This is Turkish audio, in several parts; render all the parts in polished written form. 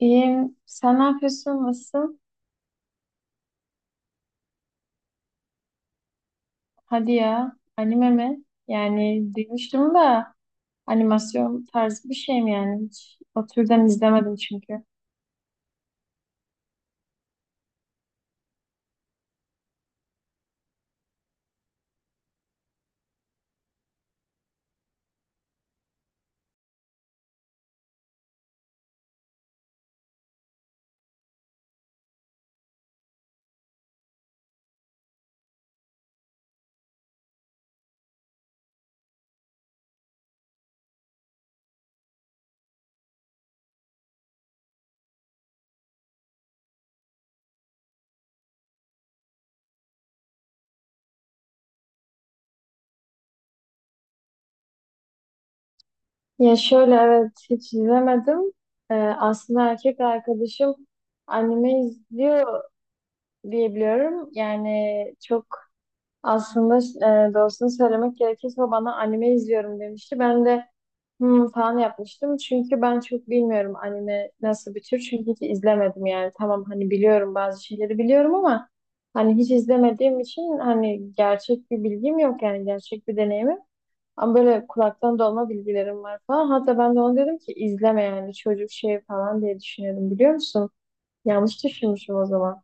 İyiyim. Sen ne yapıyorsun? Nasıl? Hadi ya. Anime mi? Yani duymuştum da animasyon tarzı bir şey mi yani? Hiç o türden izlemedim çünkü. Ya şöyle evet hiç izlemedim. Aslında erkek arkadaşım anime izliyor diye biliyorum. Yani çok aslında doğrusunu söylemek gerekirse o bana anime izliyorum demişti. Ben de hmm, falan yapmıştım. Çünkü ben çok bilmiyorum anime nasıl bir tür. Çünkü hiç izlemedim yani. Tamam hani biliyorum, bazı şeyleri biliyorum ama hani hiç izlemediğim için hani gerçek bir bilgim yok, yani gerçek bir deneyimim. Ama böyle kulaktan dolma bilgilerim var falan. Hatta ben de ona dedim ki izleme, yani çocuk şey falan diye düşünüyordum, biliyor musun? Yanlış düşünmüşüm o zaman.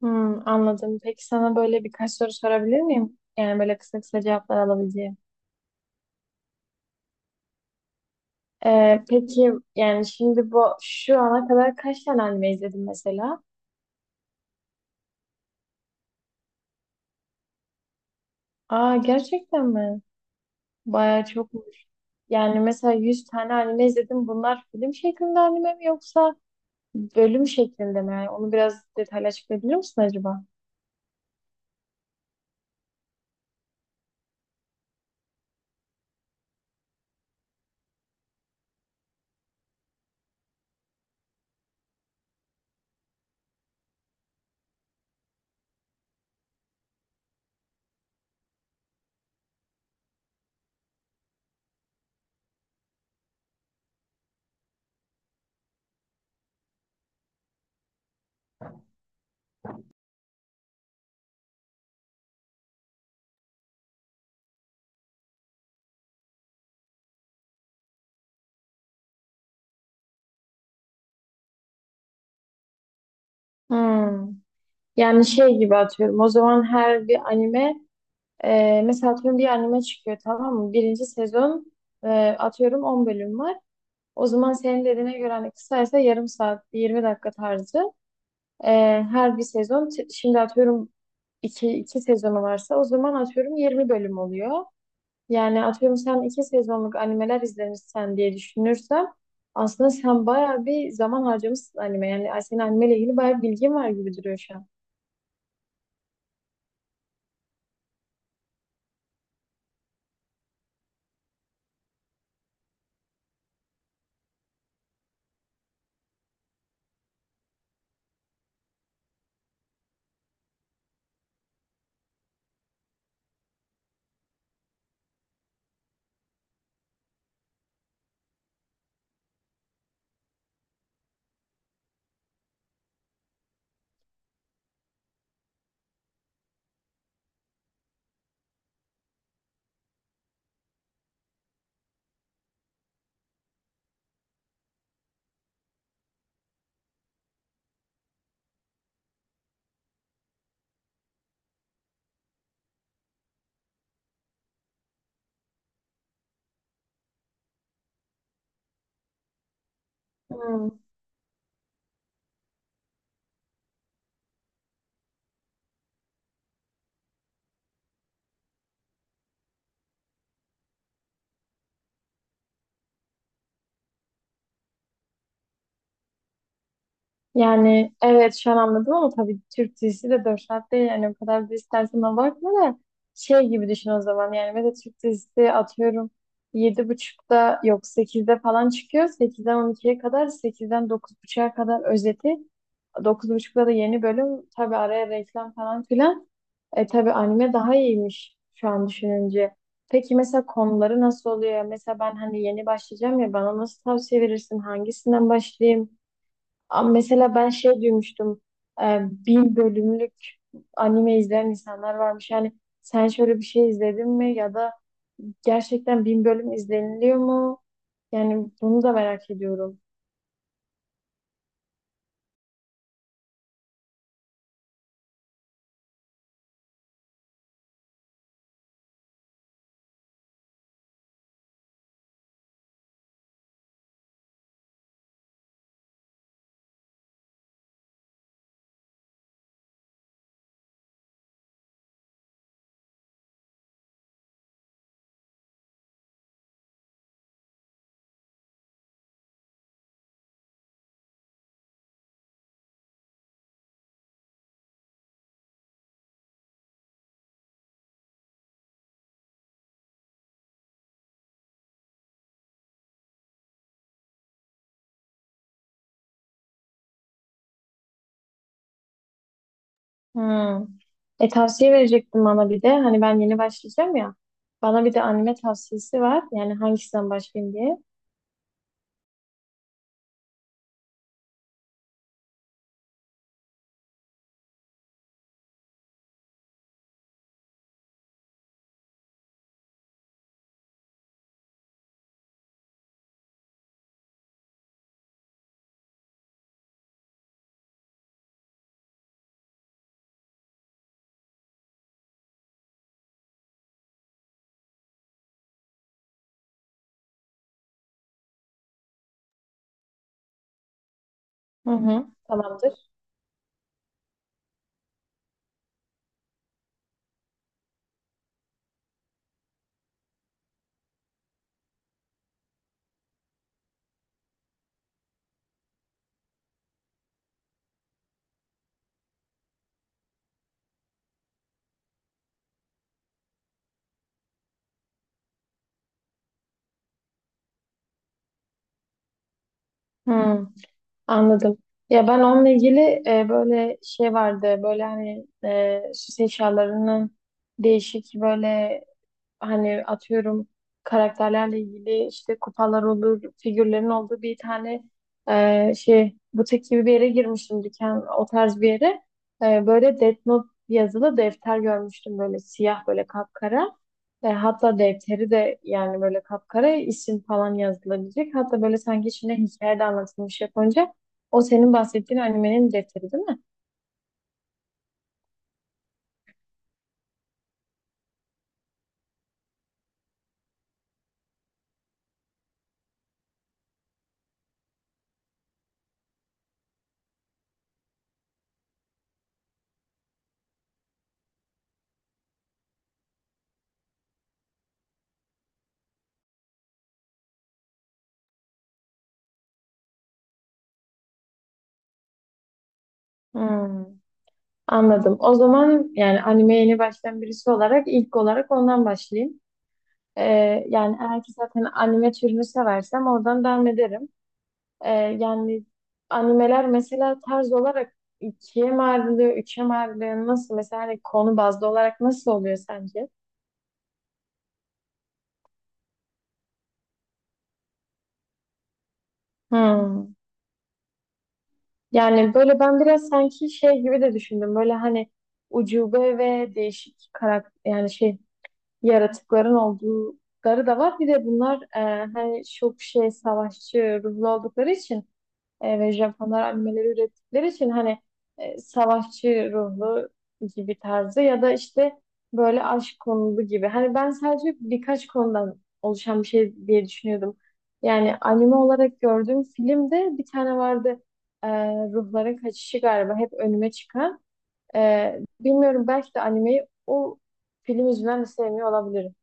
Hmm, anladım. Peki sana böyle birkaç soru sorabilir miyim? Yani böyle kısa kısa cevaplar alabileceğim. Peki yani şimdi bu, şu ana kadar kaç tane anime izledin mesela? Aa, gerçekten mi? Bayağı çokmuş. Yani mesela 100 tane anime izledim. Bunlar film şeklinde anime mi yoksa bölüm şeklinde mi? Yani onu biraz detaylı açıklayabilir misin acaba? Hmm. Yani şey gibi, atıyorum, o zaman her bir anime. Mesela atıyorum bir anime çıkıyor, tamam mı? Birinci sezon, atıyorum 10 bölüm var. O zaman senin dediğine göre hani kısaysa yarım saat, 20 dakika tarzı. Ee, her bir sezon şimdi atıyorum iki sezonu varsa o zaman atıyorum 20 bölüm oluyor. Yani atıyorum sen iki sezonluk animeler izlemişsen diye düşünürsem aslında sen bayağı bir zaman harcamışsın anime. Yani senin animeyle ilgili bayağı bir bilgin var gibi duruyor şu an. Yani evet, şu an anladım ama tabii Türk dizisi de 4 saat değil. Yani o kadar da istersen ona bakma da, şey gibi düşün o zaman. Yani mesela Türk dizisi atıyorum yedi buçukta, yok sekizde falan çıkıyor. 8'den ikiye kadar, sekizden dokuz 9:30'a kadar özeti. Dokuz buçukta da yeni bölüm, tabii araya reklam falan filan. E, tabii anime daha iyiymiş şu an düşününce. Peki mesela konuları nasıl oluyor? Mesela ben hani yeni başlayacağım ya, bana nasıl tavsiye verirsin? Hangisinden başlayayım? Ama mesela ben şey duymuştum. e, Bin bölümlük anime izleyen insanlar varmış. Yani sen şöyle bir şey izledin mi ya da gerçekten bin bölüm izleniliyor mu? Yani bunu da merak ediyorum. Hmm. E, tavsiye verecektim bana bir de. Hani ben yeni başlayacağım ya. Bana bir de anime tavsiyesi var. Yani hangisinden başlayayım diye. Hı hı. Tamamdır. Hı. Anladım. Ya ben onunla ilgili böyle şey vardı. Böyle hani, süs eşyalarının değişik, böyle hani, atıyorum karakterlerle ilgili işte kupalar olur, figürlerin olduğu bir tane, şey butik gibi bir yere girmiştim, dükkan o tarz bir yere. E, böyle Death Note yazılı defter görmüştüm, böyle siyah, böyle kapkara. E, hatta defteri de yani böyle kapkara, isim falan yazılabilecek. Hatta böyle sanki içinde hikaye de anlatılmış Japonca. O senin bahsettiğin animenin defteri değil mi? Hmm, anladım. O zaman yani animeye yeni başlayan birisi olarak ilk olarak ondan başlayayım. Yani eğer ki zaten anime türünü seversem oradan devam ederim. Yani animeler mesela tarz olarak ikiye mi ayrılıyor, üçe mi ayrılıyor, nasıl mesela hani konu bazlı olarak nasıl oluyor sence? Hmm. Yani böyle ben biraz sanki şey gibi de düşündüm. Böyle hani ucube ve değişik karakter, yani şey, yaratıkların oldukları da var. Bir de bunlar, hani çok şey savaşçı ruhlu oldukları için ve Japonlar animeleri ürettikleri için hani savaşçı ruhlu gibi tarzı ya da işte böyle aşk konulu gibi. Hani ben sadece birkaç konudan oluşan bir şey diye düşünüyordum. Yani anime olarak gördüğüm filmde bir tane vardı. E, Ruhların Kaçışı galiba hep önüme çıkan. E, bilmiyorum, belki de animeyi o film yüzünden de sevmiyor olabilirim.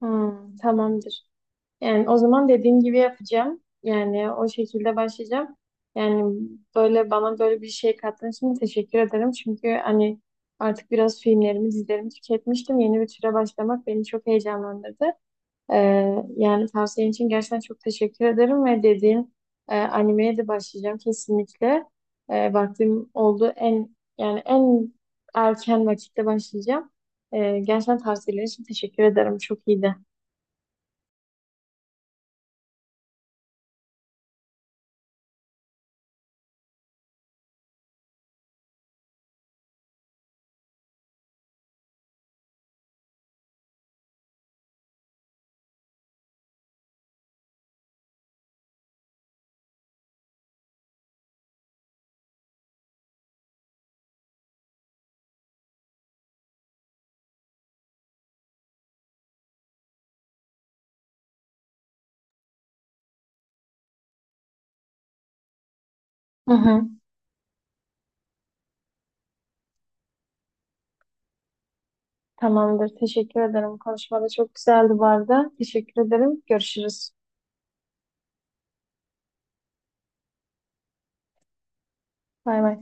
Hmm, tamamdır. Yani o zaman dediğin gibi yapacağım. Yani o şekilde başlayacağım. Yani böyle, bana böyle bir şey kattığın için teşekkür ederim. Çünkü hani artık biraz filmlerimi, dizilerimi tüketmiştim. Yeni bir türe başlamak beni çok heyecanlandırdı. Ee, yani tavsiyen için gerçekten çok teşekkür ederim ve dediğin animeye de başlayacağım kesinlikle. E, vaktim oldu. En erken vakitte başlayacağım. E, gerçekten tavsiyeler için teşekkür ederim. Çok iyiydi. Hı hı. Tamamdır. Teşekkür ederim. Konuşma da çok güzeldi bu arada. Teşekkür ederim. Görüşürüz. Bay bay.